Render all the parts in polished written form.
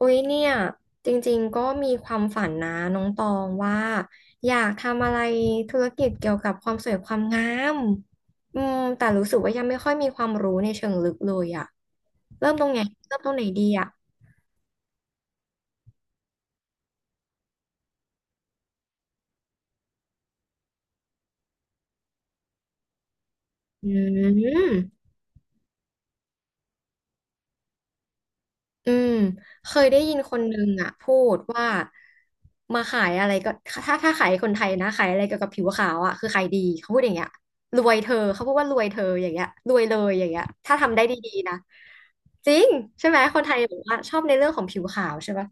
อุ๊ยเนี่ยจริงๆก็มีความฝันนะน้องตองว่าอยากทำอะไรธุรกิจเกี่ยวกับความสวยความงามแต่รู้สึกว่ายังไม่ค่อยมีความรู้ในเชิงลึกเลยอะเริ่มตรงไหนเริ่มตรงไหนดีอะอืม อืมเคยได้ยินคนหนึ่งอ่ะพูดว่ามาขายอะไรก็ถ้าขายคนไทยนะขายอะไรเกี่ยวกับผิวขาวอ่ะคือขายดีเขาพูดอย่างเงี้ยรวยเธอเขาพูดว่ารวยเธออย่างเงี้ยรวยเลยอย่างเงี้ยถ้าทำได้ดีๆนะจริงใช่ไหมคนไทยบอกว่าชอบในเรื่องของผิวขาวใช่ปะ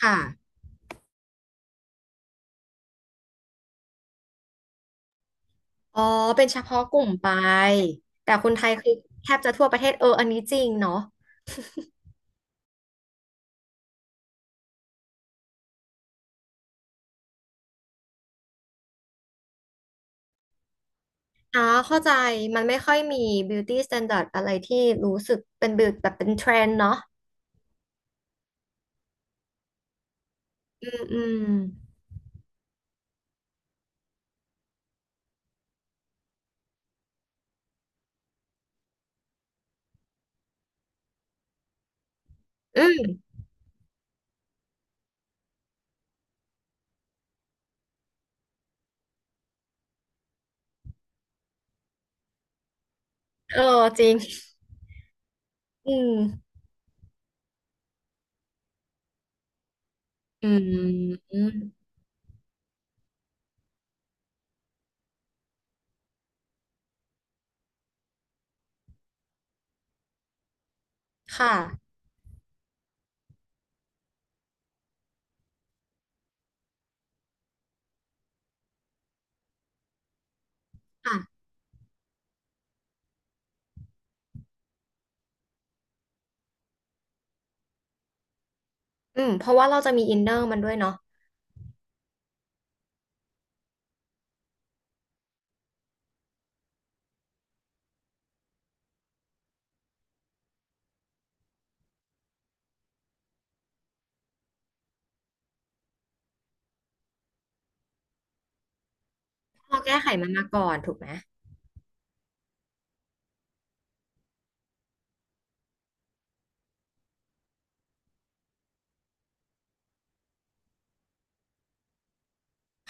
ค่ะอ๋อเป็นเฉพาะกลุ่มไปแต่คนไทยคือแทบจะทั่วประเทศเอออันนี้จริงเนาะอ๋อเข้าใจมันไม่ค่อยมี beauty standard อะไรที่รู้สึกเป็นแบบแบบเป็นเทรนด์เนาะอืมอืม อืมเออจริงอืมอืมค่ะค่ะอืมเพราะว่าเราจะมีอินเนอร์มันด้วยเนาะเราแก้ไขมันมาก่อนถูกไหม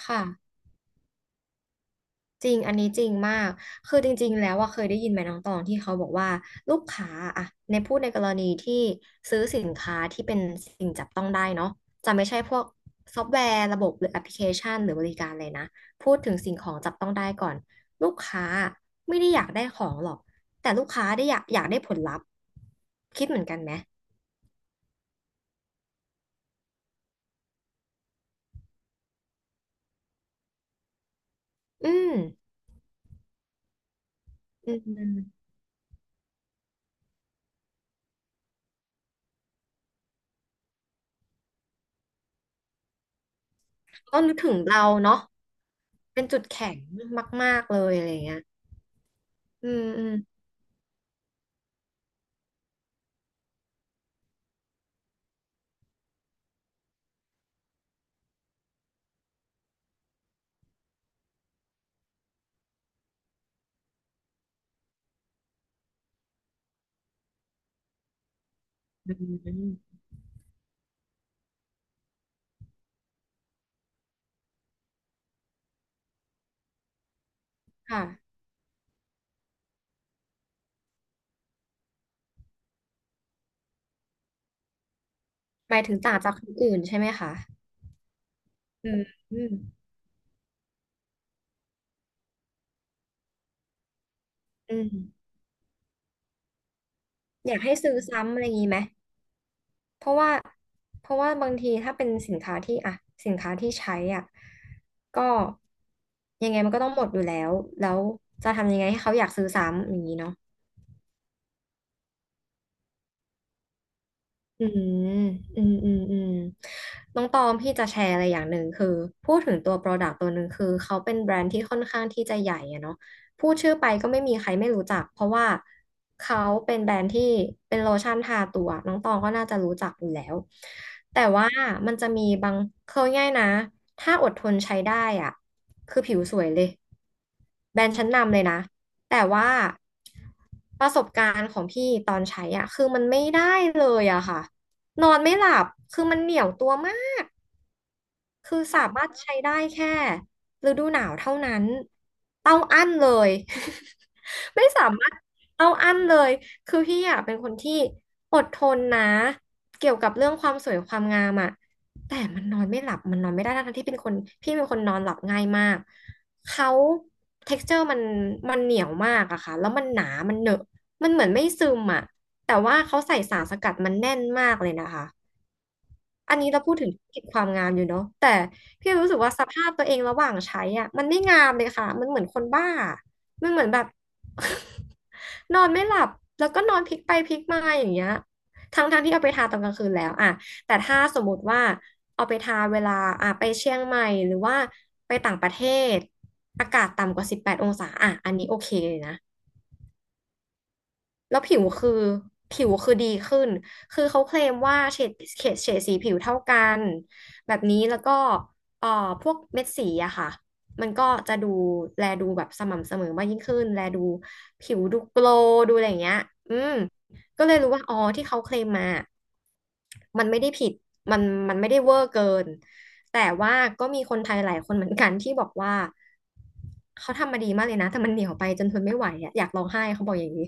ค่ะ จริง อันนี้จริงมาก คือจริงๆแล้วว่าเคยได้ยินไหมน้องตองที่เขาบอกว่าลูกค้าอะในพูดในกรณีที่ซื้อสินค้าที่เป็นสิ่งจับต้องได้เนาะจะไม่ใช่พวกซอฟต์แวร์ระบบหรือแอปพลิเคชันหรือบริการเลยนะพูดถึงสิ่งของจับต้องได้ก่อนลูกค้าไม่ได้อยากได้ของหรอกแต่ลูกค้าได้อยากได้ผลลัพธ์คิดเหมือนกันไหมอืมอืมต้องนึกถึงเราเนาะเป็นจุดแข็งมากๆเลยอะไรอย่างเงี้ยอืมอืมอืม ค่ะหมายถึงต่างจากคนอื่นใช่ไหมคะอืมอืมอืมอยากให้ซื้อซ้ำอะไรอย่างนี้ไหม เพราะว่าเพราะว่าบางทีถ้าเป็นสินค้าที่อ่ะสินค้าที่ใช้อ่ะก็ยังไงมันก็ต้องหมดอยู่แล้ว แล้วจะทำยังไงให้เขาอยากซื้อซ้ำอย่างนี้เนาะ อืมอืมอืมอืมน้องตอมพี่จะแชร์อะไรอย่างหนึ่งคือพูดถึงตัว Product ตัวหนึ่งคือเขาเป็นแบรนด์ที่ค่อนข้างที่จะใหญ่อะเนาะพูดชื่อไปก็ไม่มีใครไม่รู้จักเพราะว่าเขาเป็นแบรนด์ที่เป็นโลชั่นทาตัวน้องตองก็น่าจะรู้จักอยู่แล้วแต่ว่ามันจะมีบางเขาง่ายๆนะถ้าอดทนใช้ได้อ่ะคือผิวสวยเลยแบรนด์ชั้นนำเลยนะ แต่ว่าประสบการณ์ของพี่ตอนใช้อ่ะคือมันไม่ได้เลยอะค่ะนอนไม่หลับคือมันเหนียวตัวมาก คือสามารถใช้ได้แค่ฤดูหนาวเท่านั้นเต้าอั้นเลย ไม่สามารถเต้าอั้นเลยคือพี่อะเป็นคนที่อดทนนะเกี่ยวกับเรื่องความสวยความงามอะแต่มันนอนไม่หลับมันนอนไม่ได้ทั้งๆที่เป็นคนพี่เป็นคนนอนหลับง่ายมากเขา texture มันเหนียวมากอะค่ะแล้วมันหนามันเหนอะมันเหมือนไม่ซึมอะแต่ว่าเขาใส่สารสกัดมันแน่นมากเลยนะคะ อันนี้เราพูดถึงธุรกิจความงามอยู่เนาะแต่พี่รู้สึกว่าสภาพตัวเองระหว่างใช้อ่ะมันไม่งามเลยค่ะมันเหมือนคนบ้ามันเหมือนแบบ นอนไม่หลับแล้วก็นอนพลิกไปพลิกมาอย่างเงี้ยทั้งที่เอาไปทาตอนกลางคืนแล้วอ่ะแต่ถ้าสมมติว่าเอาไปทาเวลาอ่ะไปเชียงใหม่หรือว่าไปต่างประเทศอากาศต่ำกว่า18 องศาอ่ะอันนี้โอเคเลยนะ แล้วผิวคือผิวคือดีขึ้น คือเขาเคลมว่าเฉดเฉดสีผิวเท่ากันแบบนี้แล้วก็เอ่อพวกเม็ดสีอะค่ะมันก็จะดูแลดูแบบสม่ำเสมอมากยิ่งขึ้นแลดูผิวดูโกลว์ดูอะไรอย่างเงี้ยอืมก็เลยรู้ว่าอ๋อที่เขาเคลมมา มันไม่ได้ผิด มันมันไม่ได้เวอร์เกิน แต่ว่าก็มีคนไทยหลายคนเหมือนกันที่บอกว่าเขาทำมาดีมากเลยนะแต่มันเหนียวไปจนทนไม่ไหวอะอยากร้องไห้เขาบอกอย่างนี้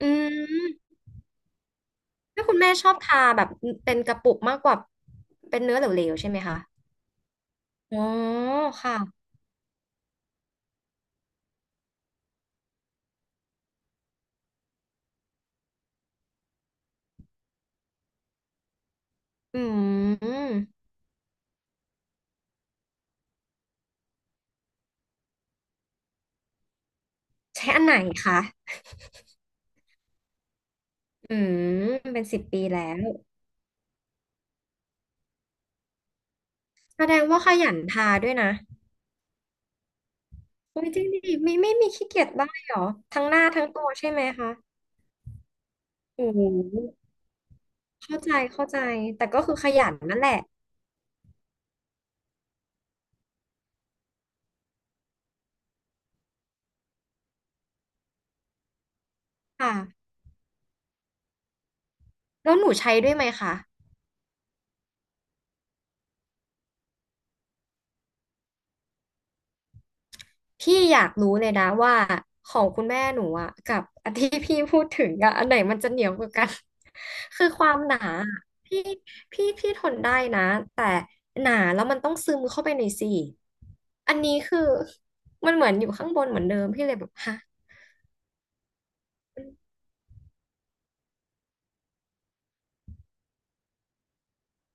อืม ถ้าคุณแม่ชอบทาแบบเป็นกระปุกมากกว่าเป็นเนื้อเหลวๆใช่ไหมคะอ๋อค่ะอืมใช้อันไหนคะอืมเป็น10 ปีแล้วแสดงว่าขยันทาด้วยนะโอ้ยจริงดิไม่มีขี้เกียจบ้างเหรอทั้งหน้าทั้งตัวใช่ไหมคะโอ้โหเข้าใจเข้าใจแต่ก็คือขยันนั่นแหละค่ะแล้วหนูใช้ด้วยไหมคะ พี่อยากรู้เลยนะว่าของคุณแม่หนูอ่ะกับ อันที่พี่พูดถึงอ่ะอันไหนมันจะเหนียวกว่ากัน คือความหนาอะพี่พี่ทนได้นะแต่หนาแล้วมันต้องซึมเข้าไปในซี่อันนี้คือมันเหมือนอยู่ข้างบนเหมือนเดิมพี่เลยแบบฮะมัน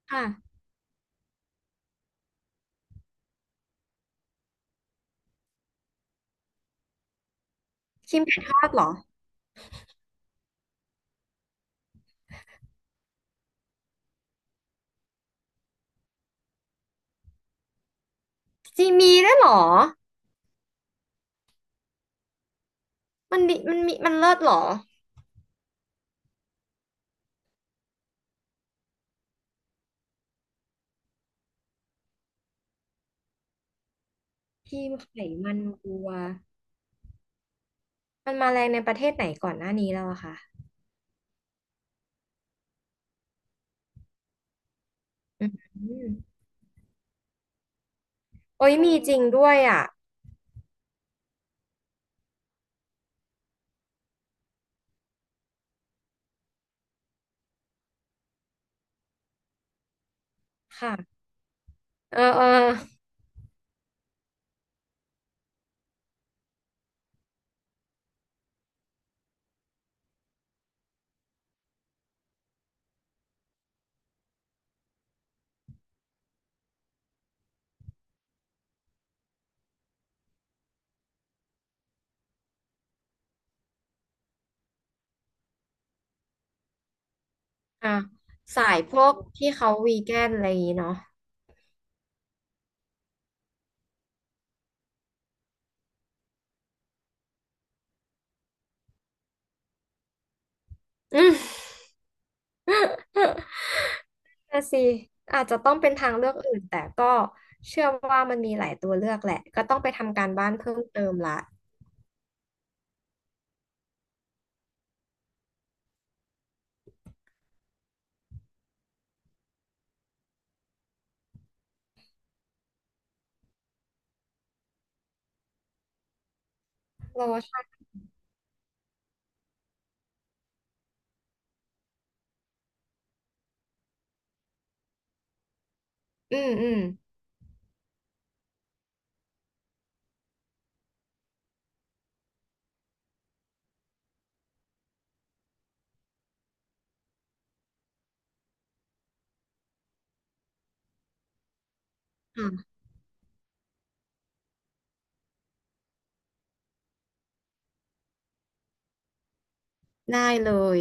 ค่ะครีมไก่ทอดเหรอจีมีด้วยเหรอมันมีมันเลิศเหรอครีมไขมันวัวมันมาแรงในประเทศไหนก่อนหน้านี้แล้วอะคะอืมโอ้ยมีจริงด้วยอ่ะ ค่ะเออเอออ่ะสายพวกที่เขาวีแกนอะไรอย่างงี้เนาะ อืม น่ะสิอาจจะต้องเป็นทางเลือกอื่นแต่ก็เชื่อว่ามันมีหลายตัวเลือกแหละก็ต้องไปทำการบ้านเพิ่มเติมละโลชั่นอืมอืมอ่ะได้เลย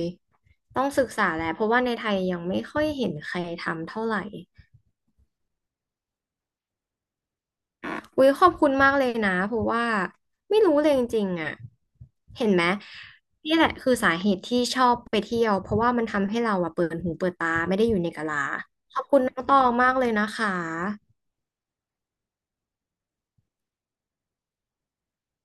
ต้องศึกษาแหละเพราะว่าในไทยยังไม่ค่อยเห็นใครทำเท่าไหร่ อุ้ยขอบคุณมากเลยนะเพราะว่าไม่รู้เลยจริงๆอ่ะเห็นไหมนี่แหละคือสาเหตุที่ชอบไปเที่ยวเพราะว่ามันทำให้เราอ่ะเปิดหูเปิดตาไม่ได้อยู่ในกะลาขอบคุณน้องตองมากเลยนะคะ